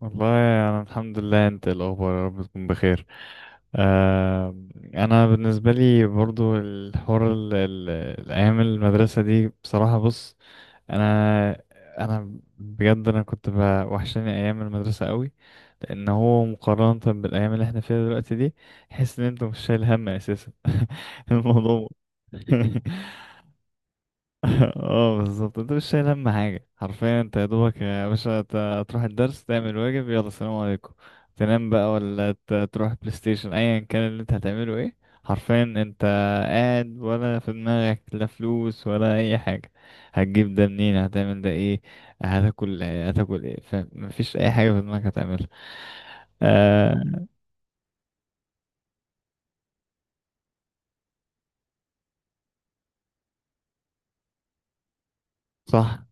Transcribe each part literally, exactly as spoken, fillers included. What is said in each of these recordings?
والله أنا الحمد لله. أنت إيه الأخبار؟ يا رب تكون بخير. آه، أنا بالنسبة لي برضو الحوار ال- ال- الأيام المدرسة دي بصراحة، بص، أنا أنا بجد أنا كنت ب- وحشاني أيام المدرسة قوي، لأن هو مقارنة بالأيام اللي احنا فيها دلوقتي دي، تحس إن أنت مش شايل هم أساسا. الموضوع اه، بالظبط، انت مش شايل هم حاجة حرفيا، انت يا دوبك يا باشا ت- تروح الدرس، تعمل واجب، يلا سلام عليكم، تنام بقى، ولا ت- تروح بلاي ستيشن، ايا كان اللي انت هتعمله ايه. حرفيا انت قاعد ولا في دماغك لا فلوس ولا اي حاجة، هتجيب ده منين؟ هتعمل ده ايه؟ هتاكل ايه؟ هتاكل ايه؟ فمفيش اي حاجة في دماغك هتعملها. آه صح.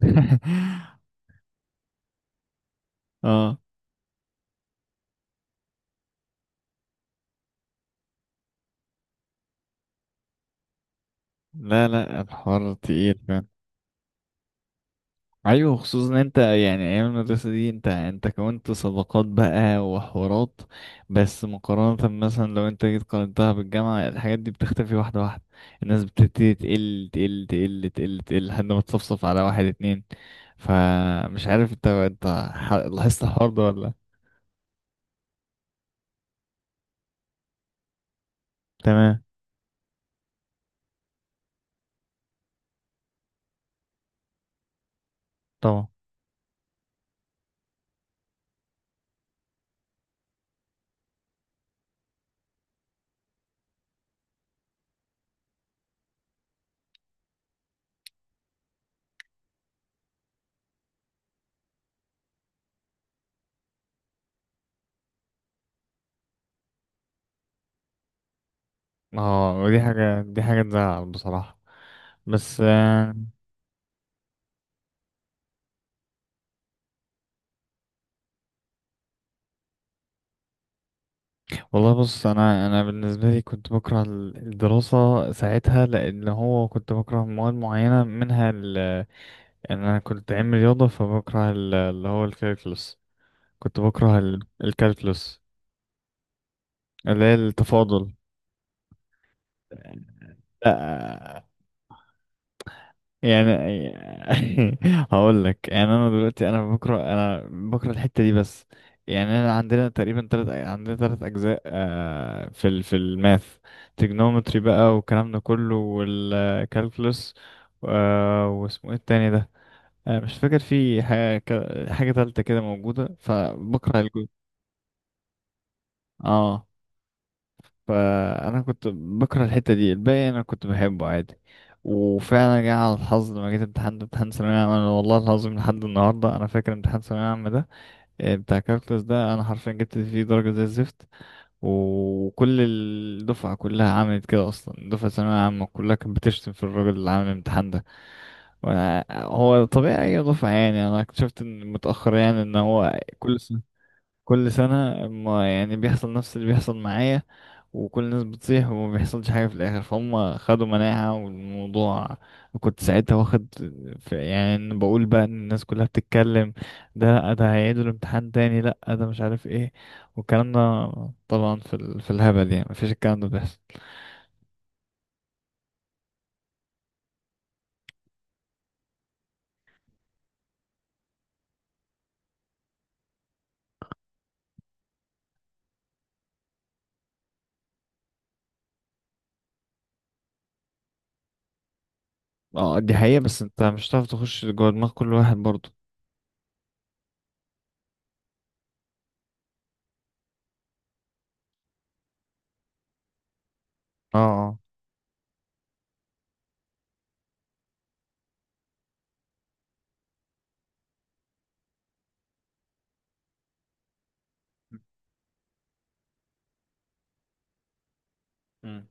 اه. لا لا، الحوار تقيل. ايوه، خصوصا ان انت يعني ايام المدرسه دي انت انت كونت صداقات بقى وحوارات، بس مقارنه مثلا لو انت جيت قارنتها بالجامعه، الحاجات دي بتختفي واحده واحده، الناس بتبتدي تقل تقل تقل تقل تقل لحد ما تصفصف على واحد اتنين. فمش عارف انت، انت ح- لاحظت الحوار ده ولا لأ؟ تمام. طبعا. اه ودي حاجه، دي حاجه تزعل بصراحه، بس والله بص، انا انا بالنسبه لي كنت بكره ال- الدراسه ساعتها، لان هو كنت بكره مواد معينه منها، ال ان انا كنت علم رياضه فبكره ال- اللي هو الكالكولس، كنت بكره ال- الكالكولس اللي هي التفاضل. لا، يعني هقول لك يعني انا دلوقتي انا بكره، انا بكره الحته دي بس. يعني انا عندنا تقريبا تلت عندنا تلت اجزاء، آه، في ال... في الماث، تريجنومتري بقى والكلام ده كله والكالكولس، واسمه ايه التاني ده، آه، مش فاكر في حاجه، حاجه تالته كده موجوده، فبكره الجزء. اه. فانا كنت بكره الحته دي، الباقي انا كنت بحبه عادي. وفعلا جه على الحظ لما جيت امتحان، امتحان ثانوية عامة، أنا والله العظيم لحد النهاردة أنا فاكر امتحان ثانوية عامة ده، آه، بتاع كالكولس ده، أنا حرفيا جبت فيه درجة زي الزفت، وكل الدفعة كلها عملت كده، أصلا دفعة ثانوية عامة كلها كانت بتشتم في الراجل اللي عامل الامتحان ده. وأنا هو طبيعي أي دفعة، يعني أنا اكتشفت إن متأخر، يعني إن هو كل سنة، كل سنة ما يعني بيحصل نفس اللي بيحصل معايا، وكل الناس بتطيح وما بيحصلش حاجة في الآخر، فهم خدوا مناعة والموضوع. كنت ساعتها واخد في، يعني إن بقول بقى إن الناس كلها بتتكلم، ده لأ ده هيعيدوا الامتحان تاني، لأ ده مش عارف ايه، والكلام ده طبعا في, ال... في الهبل، يعني مفيش الكلام ده بيحصل. اه دي حقيقة، بس انت مش هتعرف تخش جوه دماغ كل واحد برضه. اه اه. مم.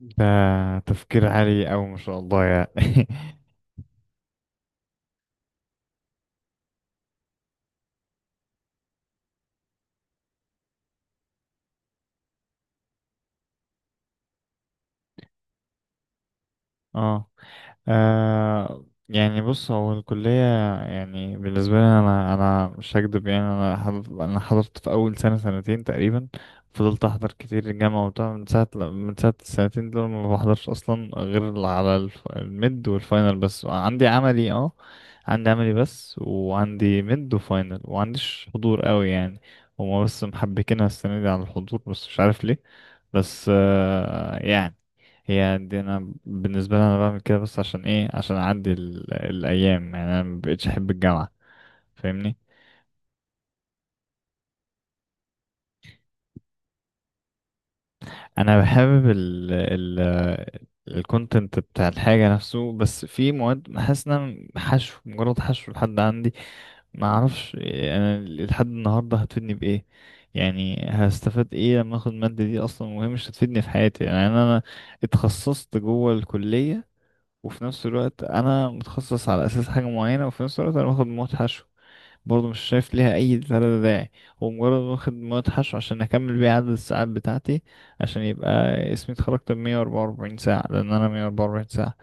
ده تفكير عالي أوي ما شاء الله يعني. اه. آه يعني بص، هو الكلية يعني بالنسبة لي، أنا أنا مش هكدب، يعني أنا حضرت، أنا حضرت في أول سنة سنتين تقريبا، فضلت أحضر كتير الجامعة وبتاع، من ساعة من ساعة السنتين دول ما بحضرش أصلا غير على الف- الميد والفاينل بس، عندي عملي. اه عندي عملي بس وعندي ميد وفاينل ومعنديش حضور قوي يعني، هما بس محبكينها السنة دي على الحضور بس مش عارف ليه. بس آه يعني، هي دي انا بالنسبه لي انا بعمل كده، بس عشان ايه؟ عشان اعدي ال... الايام، يعني انا مبقتش احب الجامعه، فاهمني. انا بحابب ال ال الكونتنت بتاع الحاجه نفسه، بس في مواد حاسس ان انا حشو مجرد حشو لحد عندي، ما اعرفش انا لحد النهارده هتفيدني بايه، يعني هستفاد ايه لما اخد الماده دي، اصلا وهي مش هتفيدني في حياتي. يعني انا أنا اتخصصت جوه الكليه، وفي نفس الوقت انا متخصص على اساس حاجه معينه، وفي نفس الوقت انا باخد مواد حشو برضه مش شايف ليها أي تلاتة داعي، هو مجرد واخد مدحش عشان أكمل بيه عدد الساعات بتاعتي، عشان يبقى اسمي اتخرجت بمية وأربعة وأربعين ساعة، لأن أنا مية وأربعة وأربعين ساعة.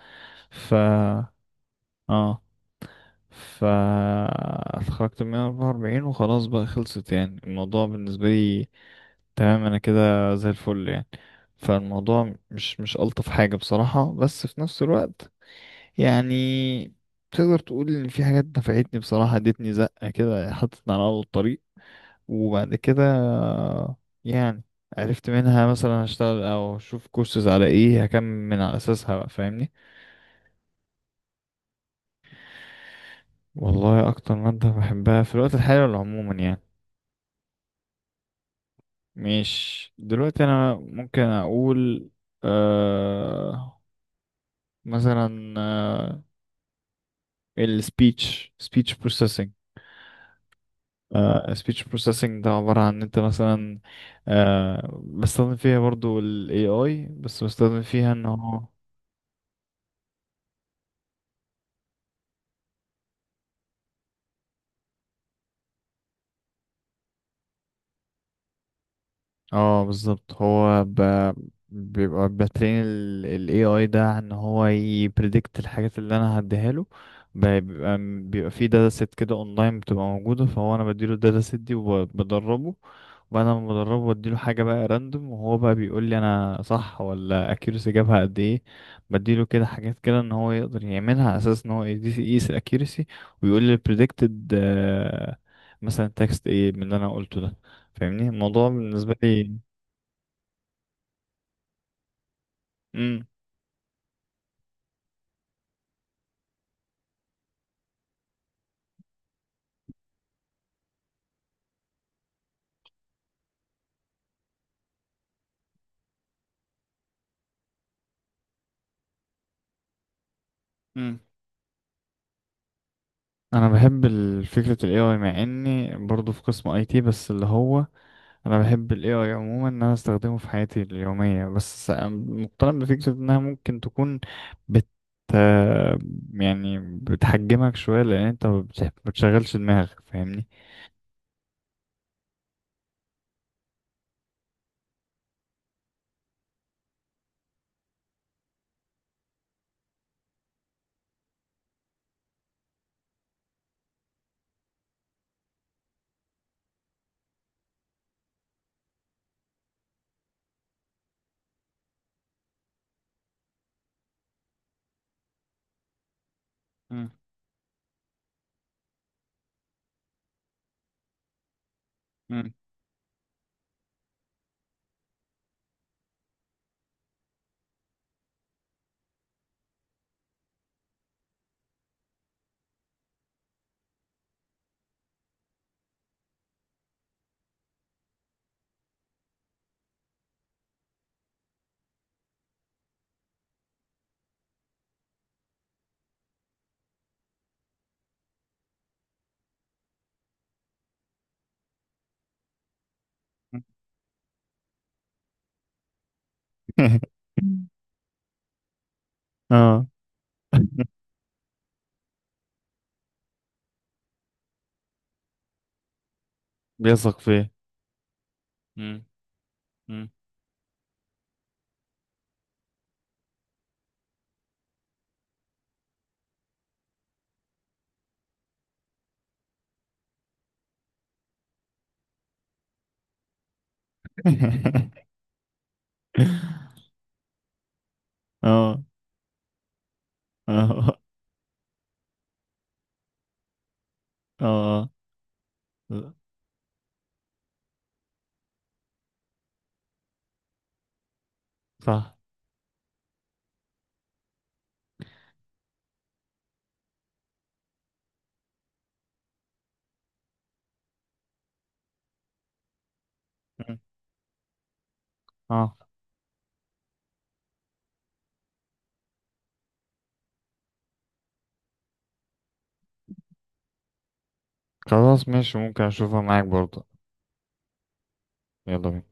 ف اه ف اتخرجت بمية وأربعة وأربعين وخلاص بقى، خلصت يعني الموضوع بالنسبة لي تمام، أنا كده زي الفل يعني. فالموضوع مش مش ألطف حاجة بصراحة، بس في نفس الوقت يعني تقدر تقول ان في حاجات نفعتني بصراحة، ادتني زقة كده، حطتني على اول الطريق، وبعد كده يعني عرفت منها مثلا هشتغل او اشوف كورسز على ايه هكمل من على اساسها بقى، فاهمني. والله اكتر مادة بحبها في الوقت الحالي ولا عموما يعني؟ مش دلوقتي انا ممكن اقول، آه، مثلا، آه، السبيتش سبيتش بروسيسنج، سبيتش بروسيسنج ده عبارة عن ان انت مثلا، آه، بستخدم فيها برضو ال إيه آي، بس بستخدم فيها ان هو، اه بالظبط، هو ب... بيبقى بترين ال ال إيه آي ده ان هو يبريدكت الحاجات اللي انا هديها له، ب- بيبقى بيبقى في داتا سيت كده اونلاين بتبقى موجودة، فهو انا بديله الداتا سيت دي وبدربه، وبعد ما بدربه بديله حاجة بقى راندوم، وهو بقى بيقول لي انا صح ولا accuracy جابها قد ايه، بديله كده حاجات كده ان هو يقدر يعملها على اساس ان هو يقيس، يقيس ال accuracy ويقول لي predicted، آه، مثلا تكست ايه من اللي انا قلته ده، فاهمني الموضوع بالنسبة لي. امم امم انا بحب ال- فكره ال إيه آي، مع اني برضو في قسم آي تي، بس اللي هو انا بحب ال إيه آي عموما ان انا استخدمه في حياتي اليوميه، بس مقتنع بفكره انها ممكن تكون بت يعني بتحجمك شويه، لان انت ما بتح- ما بتشغلش دماغك، فاهمني. امم امم اه بيثق فيه. امم امم اه اه اه صح. امم اه. خلاص ماشي، ممكن اشوفها معاك برضه. يلا بينا.